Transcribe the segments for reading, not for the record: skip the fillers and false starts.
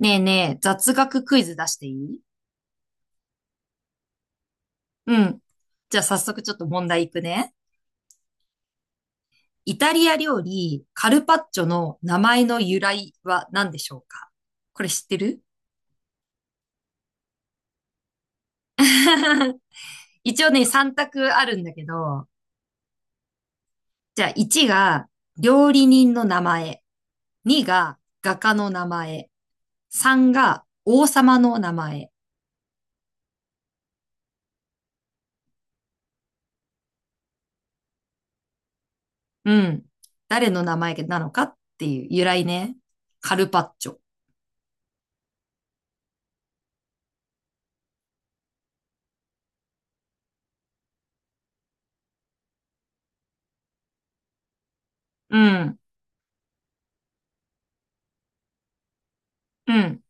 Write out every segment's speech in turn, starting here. ねえねえ、雑学クイズ出していい？うん。じゃあ早速ちょっと問題いくね。イタリア料理、カルパッチョの名前の由来は何でしょうか？これ知ってる？ 一応ね、3択あるんだけど、じゃあ1が料理人の名前、2が画家の名前、3が王様の名前。うん。誰の名前なのかっていう由来ね。カルパッチョ。うん。うん。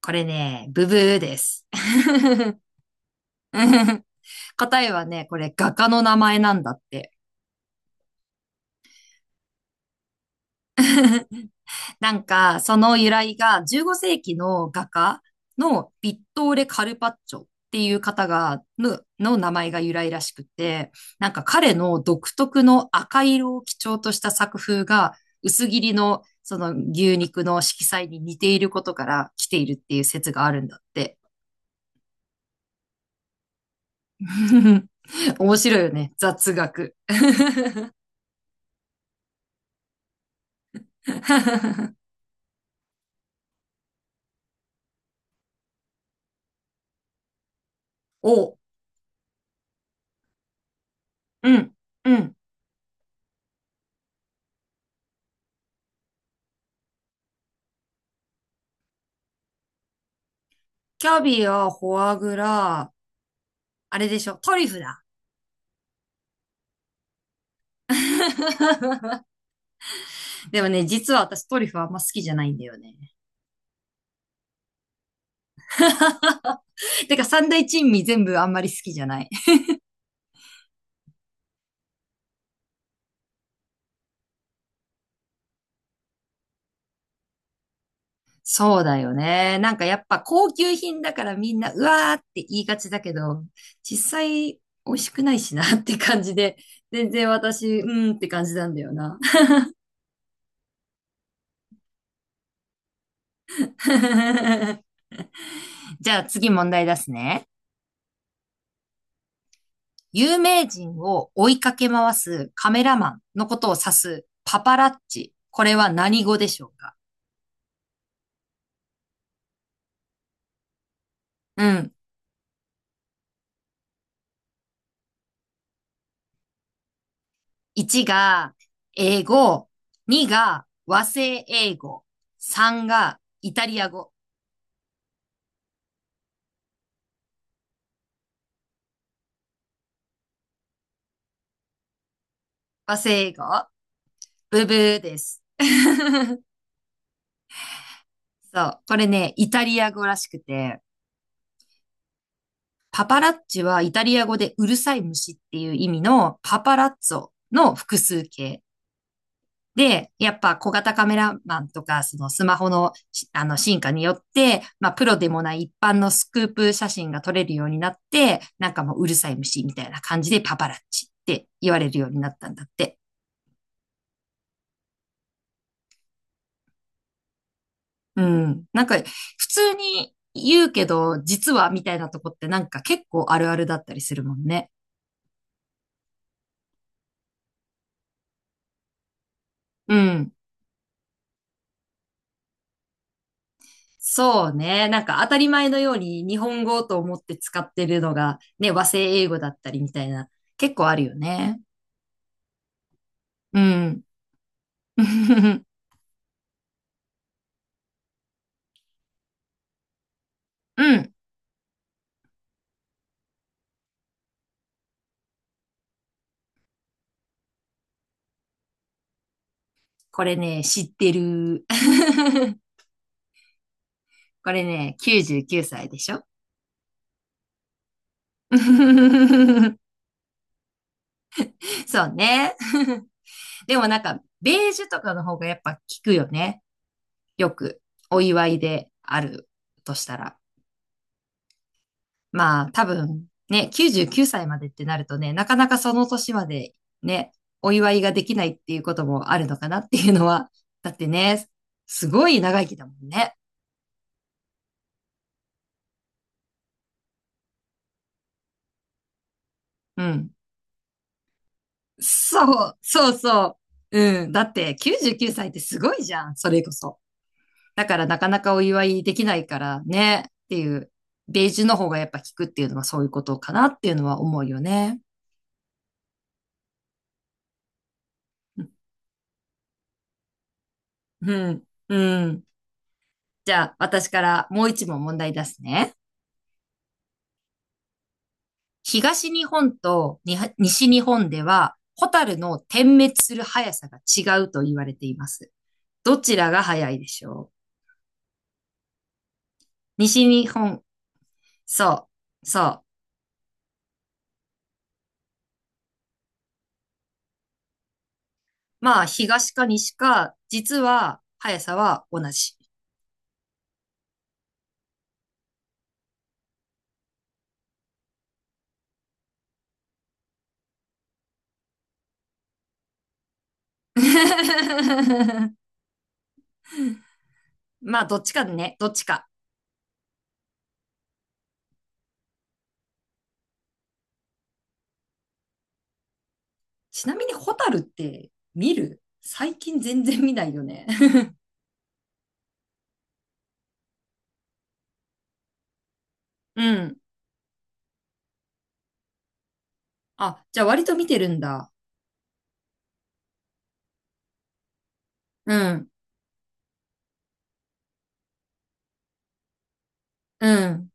これね、ブブーです。答えはね、これ画家の名前なんだって。なんか、その由来が15世紀の画家のヴィットーレ・カルパッチョっていう方が、の名前が由来らしくて、なんか彼の独特の赤色を基調とした作風が薄切りのその牛肉の色彩に似ていることから来ているっていう説があるんだって。面白いよね。雑学。お、うん、うん。キャビア、フォアグラ、あれでしょ、トリュフだ。でもね、実は私トリュフあんま好きじゃないんだよね。てか三大珍味全部あんまり好きじゃない。そうだよね。なんかやっぱ高級品だからみんな、うわーって言いがちだけど、実際美味しくないしなって感じで、全然私、うんって感じなんだよな。じゃあ次問題出すね。有名人を追いかけ回すカメラマンのことを指すパパラッチ。これは何語でしょうか？うん。1が英語、2が和製英語、3がイタリア語。和製英語？ブブーです。そう。これね、イタリア語らしくて、パパラッチはイタリア語でうるさい虫っていう意味のパパラッツォの複数形。で、やっぱ小型カメラマンとか、そのスマホの進化によって、まあプロでもない一般のスクープ写真が撮れるようになって、なんかもううるさい虫みたいな感じでパパラッチって言われるようになったんだって。うん。なんか普通に言うけど、実はみたいなとこってなんか結構あるあるだったりするもんね。うん。そうね。なんか当たり前のように日本語と思って使ってるのがね、和製英語だったりみたいな、結構あるよね。うん。うん。これね、知ってる。これね、99歳でしょ？ そうね。でもなんか、ベージュとかの方がやっぱ効くよね。よく、お祝いであるとしたら。まあ、多分、ね、99歳までってなるとね、なかなかその年までね、お祝いができないっていうこともあるのかなっていうのは。だってね、すごい長生きだもんね。うん。そう、そうそう。うん。だって99歳ってすごいじゃん。それこそ。だからなかなかお祝いできないからね。っていう、ベージュの方がやっぱ効くっていうのはそういうことかなっていうのは思うよね。うん。うん。じゃあ、私からもう一問問題出すね。東日本とに西日本では、ホタルの点滅する速さが違うと言われています。どちらが速いでしょう？西日本、そう、そう。まあ、東か西か、実は速さは同じ。まあ、どっちかね、どっちか。ちなみに、ホタルって見る最近全然見ないよね。うん。あ、じゃあ割と見てるんだ。うん、うん、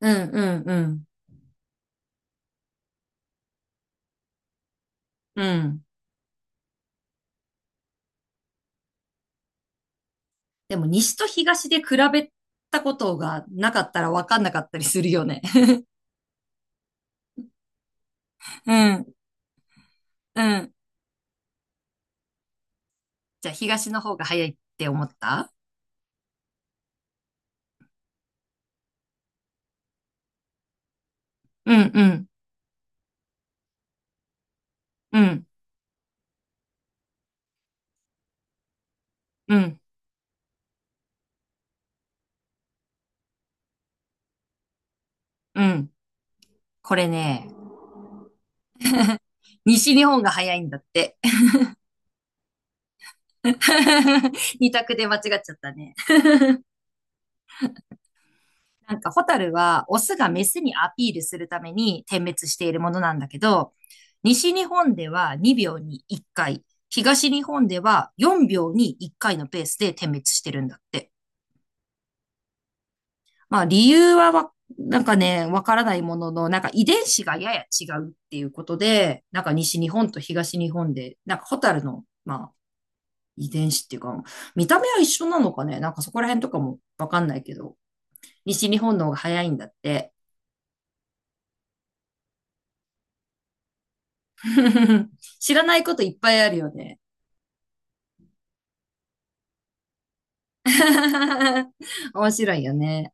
うん、うん、うん、うん。でも、西と東で比べたことがなかったら分かんなかったりするよね。うん、うん。じゃあ、東の方が早いって思った？うん、うん、うん、うん、うん。これね、西日本が早いんだって。二択で間違っちゃったね。なんか、ホタルは、オスがメスにアピールするために点滅しているものなんだけど、西日本では2秒に1回、東日本では4秒に1回のペースで点滅してるんだって。まあ、理由はわ、なんかね、わからないものの、なんか遺伝子がやや違うっていうことで、なんか西日本と東日本で、なんかホタルの、まあ、遺伝子っていうか、見た目は一緒なのかね？なんかそこら辺とかもわかんないけど、西日本の方が早いんだって。知らないこといっぱいあるよね。面白いよね。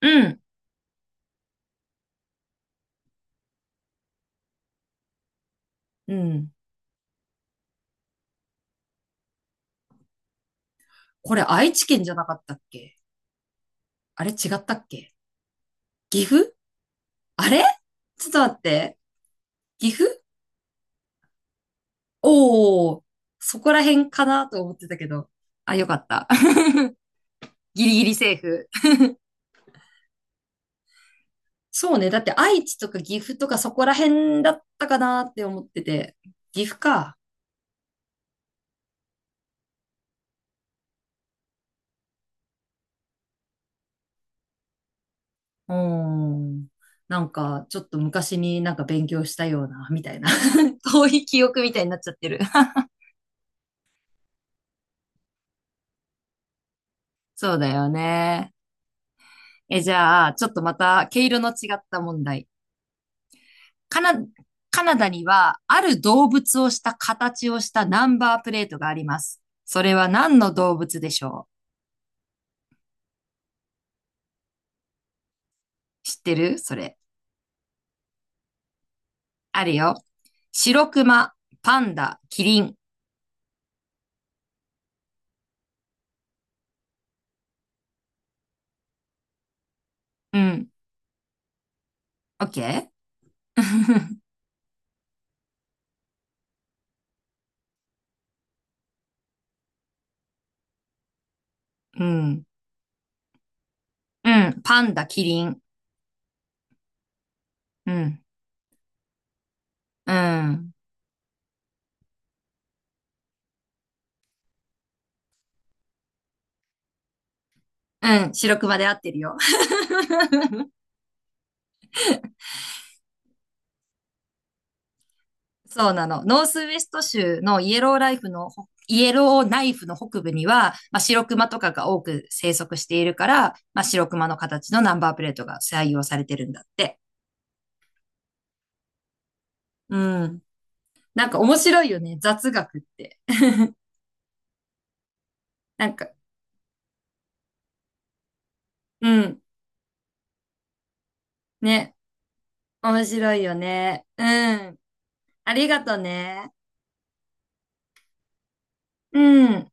うん、うん。これ愛知県じゃなかったっけ？あれ違ったっけ？岐阜？あれ？ちょっと待って。岐阜？おー、そこら辺かなと思ってたけど。あ、よかった。ギリギリセーフ。そうね。だって愛知とか岐阜とかそこら辺だったかなって思ってて。岐阜か。うーん。なんか、ちょっと昔になんか勉強したような、みたいな。遠い記憶みたいになっちゃってる。そうだよね。え、じゃあ、ちょっとまた毛色の違った問題。カナ、カナダには、ある動物をした形をしたナンバープレートがあります。それは何の動物でしょう？知ってるそれ。あるよ。白熊、パンダ、キリン。うん。オッケー？ うん。うん。パンダ、キリン。うん。うん。うん。白熊で合ってるよ。そうなの。ノースウェスト州のイエローライフのイエローナイフの北部には、まあ、白熊とかが多く生息しているから、まあ、白熊の形のナンバープレートが採用されてるんだって。うん。なんか面白いよね。雑学って。なんか、うん。ね。面白いよね。うん。ありがとね。うん。